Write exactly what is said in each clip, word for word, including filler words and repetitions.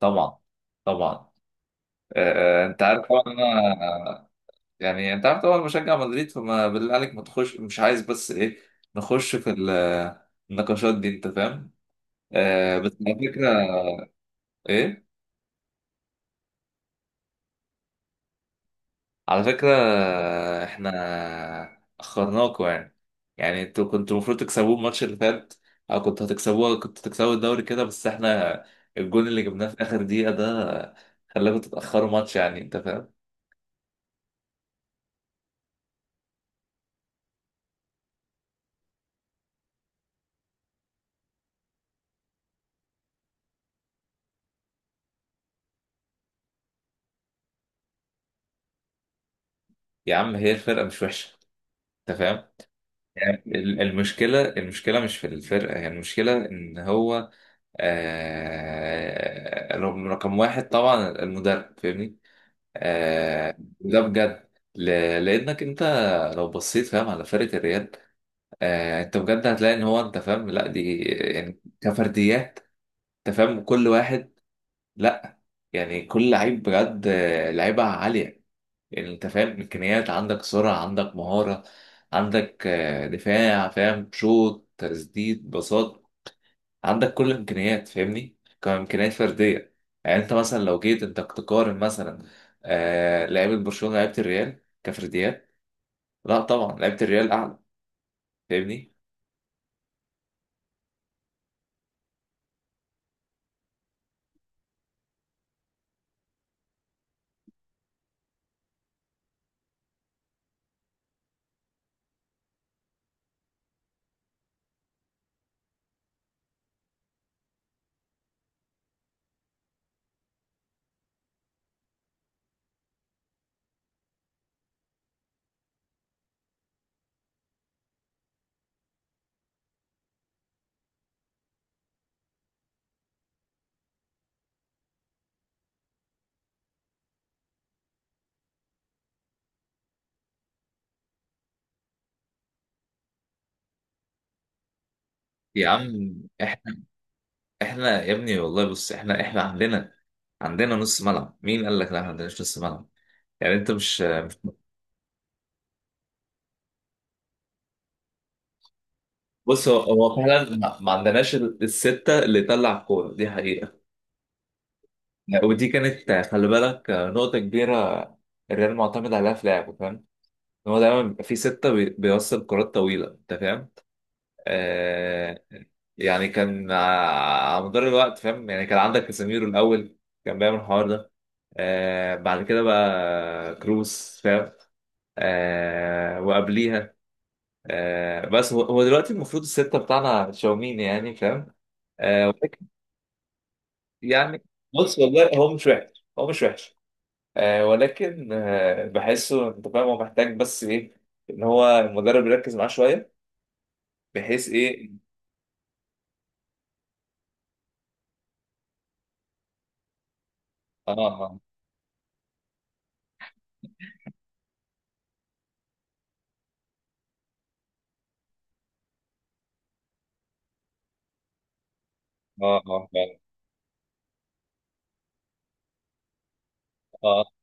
طبعا. طبعا. آه، آه، انت عارف طبعا انا. يعني انت عارف طبعا مشجع مدريد، فما بالله عليك ما تخش، مش عايز بس ايه نخش في ال- النقاشات دي انت فاهم. آه، بس على فكره. ايه على فكره، آه، احنا اخرناكوا يعني. يعني انتوا كنتوا المفروض تكسبوه الماتش اللي فات، او كنتوا هتكسبوه، كنتوا تكسبوا الدوري كده، بس احنا الجون اللي جبناه في اخر دقيقه ده خلاكوا تتاخروا ماتش، يعني انت فاهم. يا عم هي الفرقه مش وحشه، انت فاهم. ال- المشكلة، المشكلة مش في الفرقة، هي المشكلة إن هو آه رقم رقم واحد طبعا المدرب، فاهمني. آه ده بجد. ل- لأنك أنت لو بصيت فاهم على فرقة الريال، آه أنت بجد هتلاقي إن هو أنت فاهم لا دي يعني كفرديات. أنت فاهم كل واحد. لا يعني كل لعيب بجد آه، لعيبة عالية. يعني انت فاهم امكانيات، عندك سرعه، عندك مهاره، عندك آه، دفاع فاهم، شوط تسديد بساط، عندك كل الامكانيات فاهمني، كامكانيات فرديه. يعني انت مثلا لو جيت انت تقارن مثلا آه لعيبه برشلونه لعيبه الريال كفرديات، لا طبعا لعيبه الريال اعلى، فاهمني. يا عم، احنا، احنا يا ابني والله بص، احنا احنا عندنا، عندنا نص ملعب. مين قال لك لا ما عندناش نص ملعب؟ يعني انت مش، بص هو هو فعلا ما ما عندناش ال- الستة اللي تلعب كورة دي حقيقة. يعني ودي كانت آه، خلي بالك، آه، نقطة كبيرة الريال معتمد عليها في لعبه، فاهم. إن هو دايما بيبقى في ستة، بي- بيوصل كرات طويلة، أنت فاهم. آه. يعني كان آه، على مدار الوقت فاهم، يعني كان عندك كاسيميرو الأول كان بيعمل الحوار ده. آه بعد كده بقى كروس فاهم. آه وقبليها. آه بس هو هو دلوقتي المفروض الستة بتاعنا تشاوميني يعني فاهم. آه، يعني. بص والله هو مش وحش، هو مش وحش، آه ولكن آه بحسه انت فاهم، هو محتاج بس ايه، ان هو المدرب يركز معاه شويه، بحيث ايه. اه، اه، اه، اه فعلا. اه،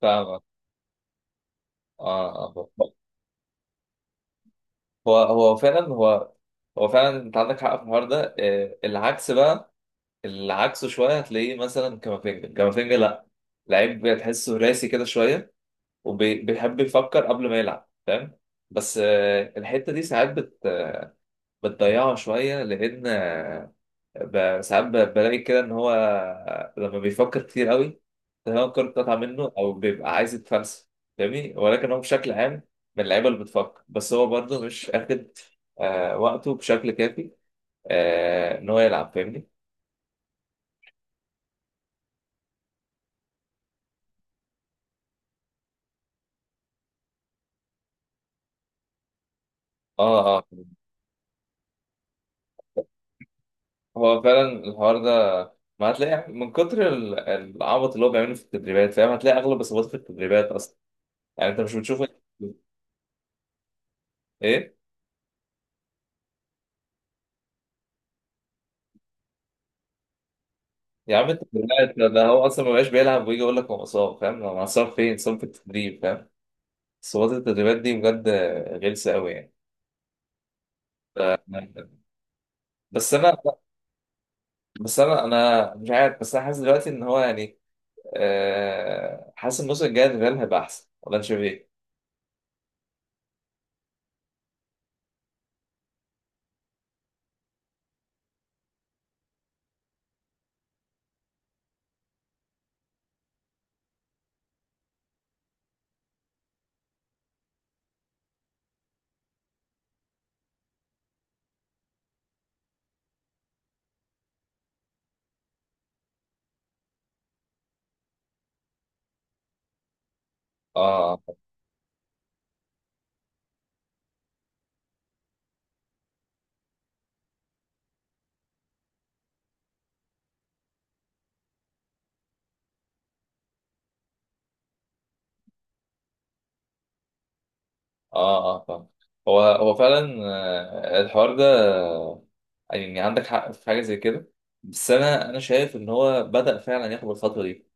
فاهم اه. اه. آه، آه. هو هو فعلا، هو. هو فعلا انت عندك حق في الحوار ده آه. العكس بقى، العكس شويه هتلاقيه مثلا كامافينجا. كامافينجا لا، لعيب تحسه راسي كده شويه، وبيحب يفكر قبل ما يلعب فاهم. بس آه الحته دي ساعات بت بتضيعه شوية، لأن ب- ساعات ب- بلاقي كده إن هو لما بيفكر كتير قوي تمام الكورة بتقطع منه، أو بيبقى عايز يتفلسف، فاهمني. ولكن هو بشكل عام من اللعيبة اللي بتفكر، بس هو برضه مش آخد آه وقته بشكل كافي، آه إن هو يلعب، فاهمني. آه، آه. هو فعلا الحوار ده، ما هتلاقي من كتر ال- العبط اللي هو بيعمله في التدريبات فاهم، هتلاقي أغلب إصاباته في التدريبات أصلا. يعني أنت مش بتشوفه. إيه؟ يا عم انت بالله، ده ده هو اصلا ما بقاش بيلعب ويجي يقول لك هو مصاب، فاهم؟ هو مصاب فين؟ مصاب في التدريب، فاهم؟ صوت التدريبات دي بجد غلسه قوي يعني. ف- بس انا، بس انا انا مش عارف. بس انا حاسس دلوقتي ان هو يعني، آه، حاسس الموسم الجاي الريال هيبقى احسن، ولا انت شايف ايه؟ اه، اه، اه، آه، فاهم. هو هو فعلا آه، الحوار ده، آه، يعني عندك حق في حاجه زي كده. بس انا انا شايف ان هو بدأ فعلا ياخد الخطوه دي،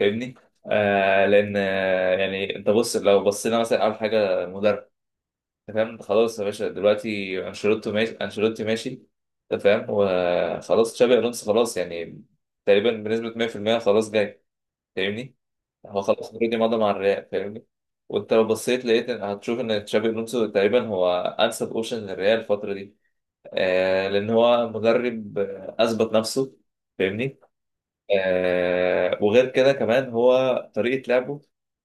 فاهمني. آه لان آه يعني انت بص لو بصينا مثلا اول حاجه مدرب، انت فاهم، أنت خلاص يا باشا دلوقتي انشيلوتي ماشي، انشيلوتي ماشي، انت فاهم وخلاص تشابي الونسو خلاص، يعني تقريبا بنسبه مية في المية خلاص جاي، فاهمني. هو خلاص اوريدي مضى مع الريال، فاهمني. وانت لو بصيت لقيت إن- هتشوف ان تشابي الونسو تقريبا هو انسب اوبشن للريال الفتره دي. آه لان هو مدرب آه، اثبت نفسه، فاهمني. آه، وغير كده كمان هو طريقة لعبه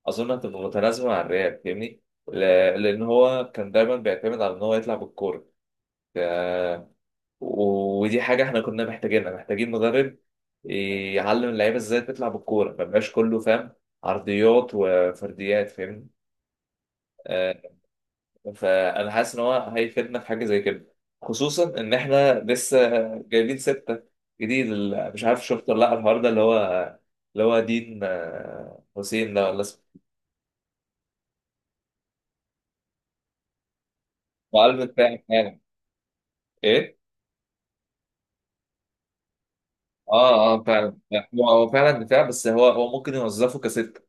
أظن هتبقى متناسبة مع الريال، فاهمني؟ ل- لأن هو كان دايما بيعتمد على إن هو يطلع بالكورة. آه. ودي حاجة إحنا كنا محتاجينها، محتاجين مدرب يعلم اللعيبة إزاي تطلع بالكورة، ما يبقاش كله فاهم عرضيات وفرديات، فاهمني؟ آه. فانا حاسس ان هو هيفيدنا في حاجه زي كده، خصوصا ان احنا لسه جايبين سته جديد ال- مش عارف شفت ولا لا الحوار ده اللي هو، اللي هو دين آه، حسين ده ولا اسمه. هو قلب دفاع فعلا. ايه. اه اه فعلا. لا، هو هو فعلا دفاع، بس هو هو ممكن يوظفه كسته.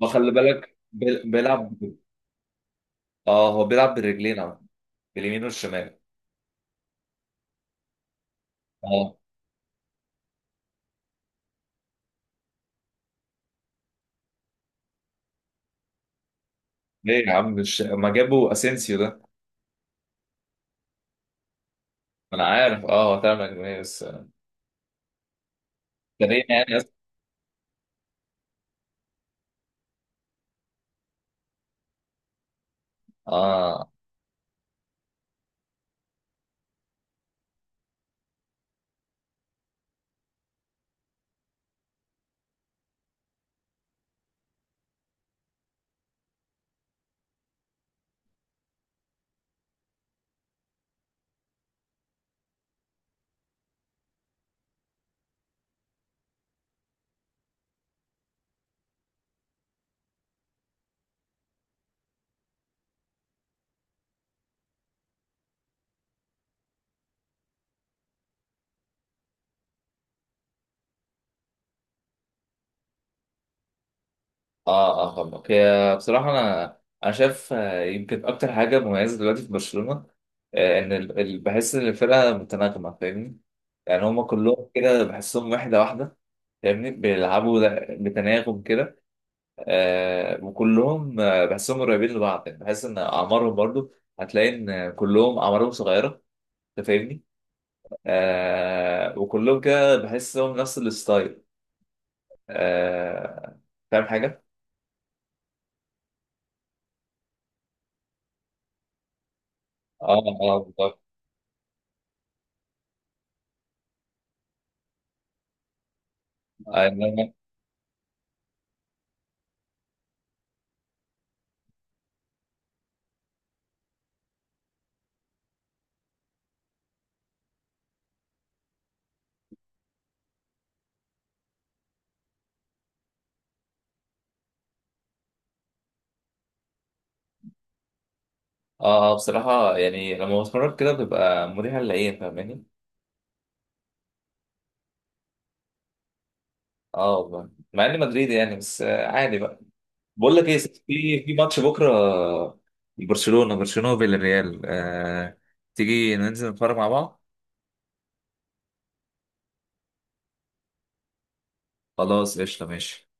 ما خلي بالك بيل- بيلعب. اه هو بيلعب بالرجلين، اه، باليمين والشمال. اه، ليه يا عم مش ما جابوا اسينسيو ده. ما انا عارف اه هو فعلا يعني، بس ترينا يعني. اه، اه، اه، فاهمك. هي بصراحة أنا، أنا شايف آه، يمكن أكتر حاجة مميزة دلوقتي في برشلونة آه، إن ال- ال- بحس إن الفرقة متناغمة، فاهمني. يعني هما كلهم كده بحسهم وحدة واحدة، فاهمني. بيلعبوا لا- بتناغم كده. آه، وكلهم آه، بحسهم قريبين لبعض، يعني بحس إن أعمارهم برضو هتلاقي إن كلهم أعمارهم صغيرة، أنت فاهمني. آه، وكلهم كده بحسهم نفس الستايل. آه، فاهم حاجة؟ اه، اه، بالظبط. اه، اه، بصراحة يعني لما بتفرج كده بتبقى مريحة للعين، فاهماني؟ اه والله مع اني مدريدي يعني، بس آه، عادي بقى. بقول لك ايه يا ستي، في في ماتش بكرة برشلونة، برشلونة بالريال آه، تيجي ننزل نتفرج مع بعض؟ خلاص قشطة ماشي.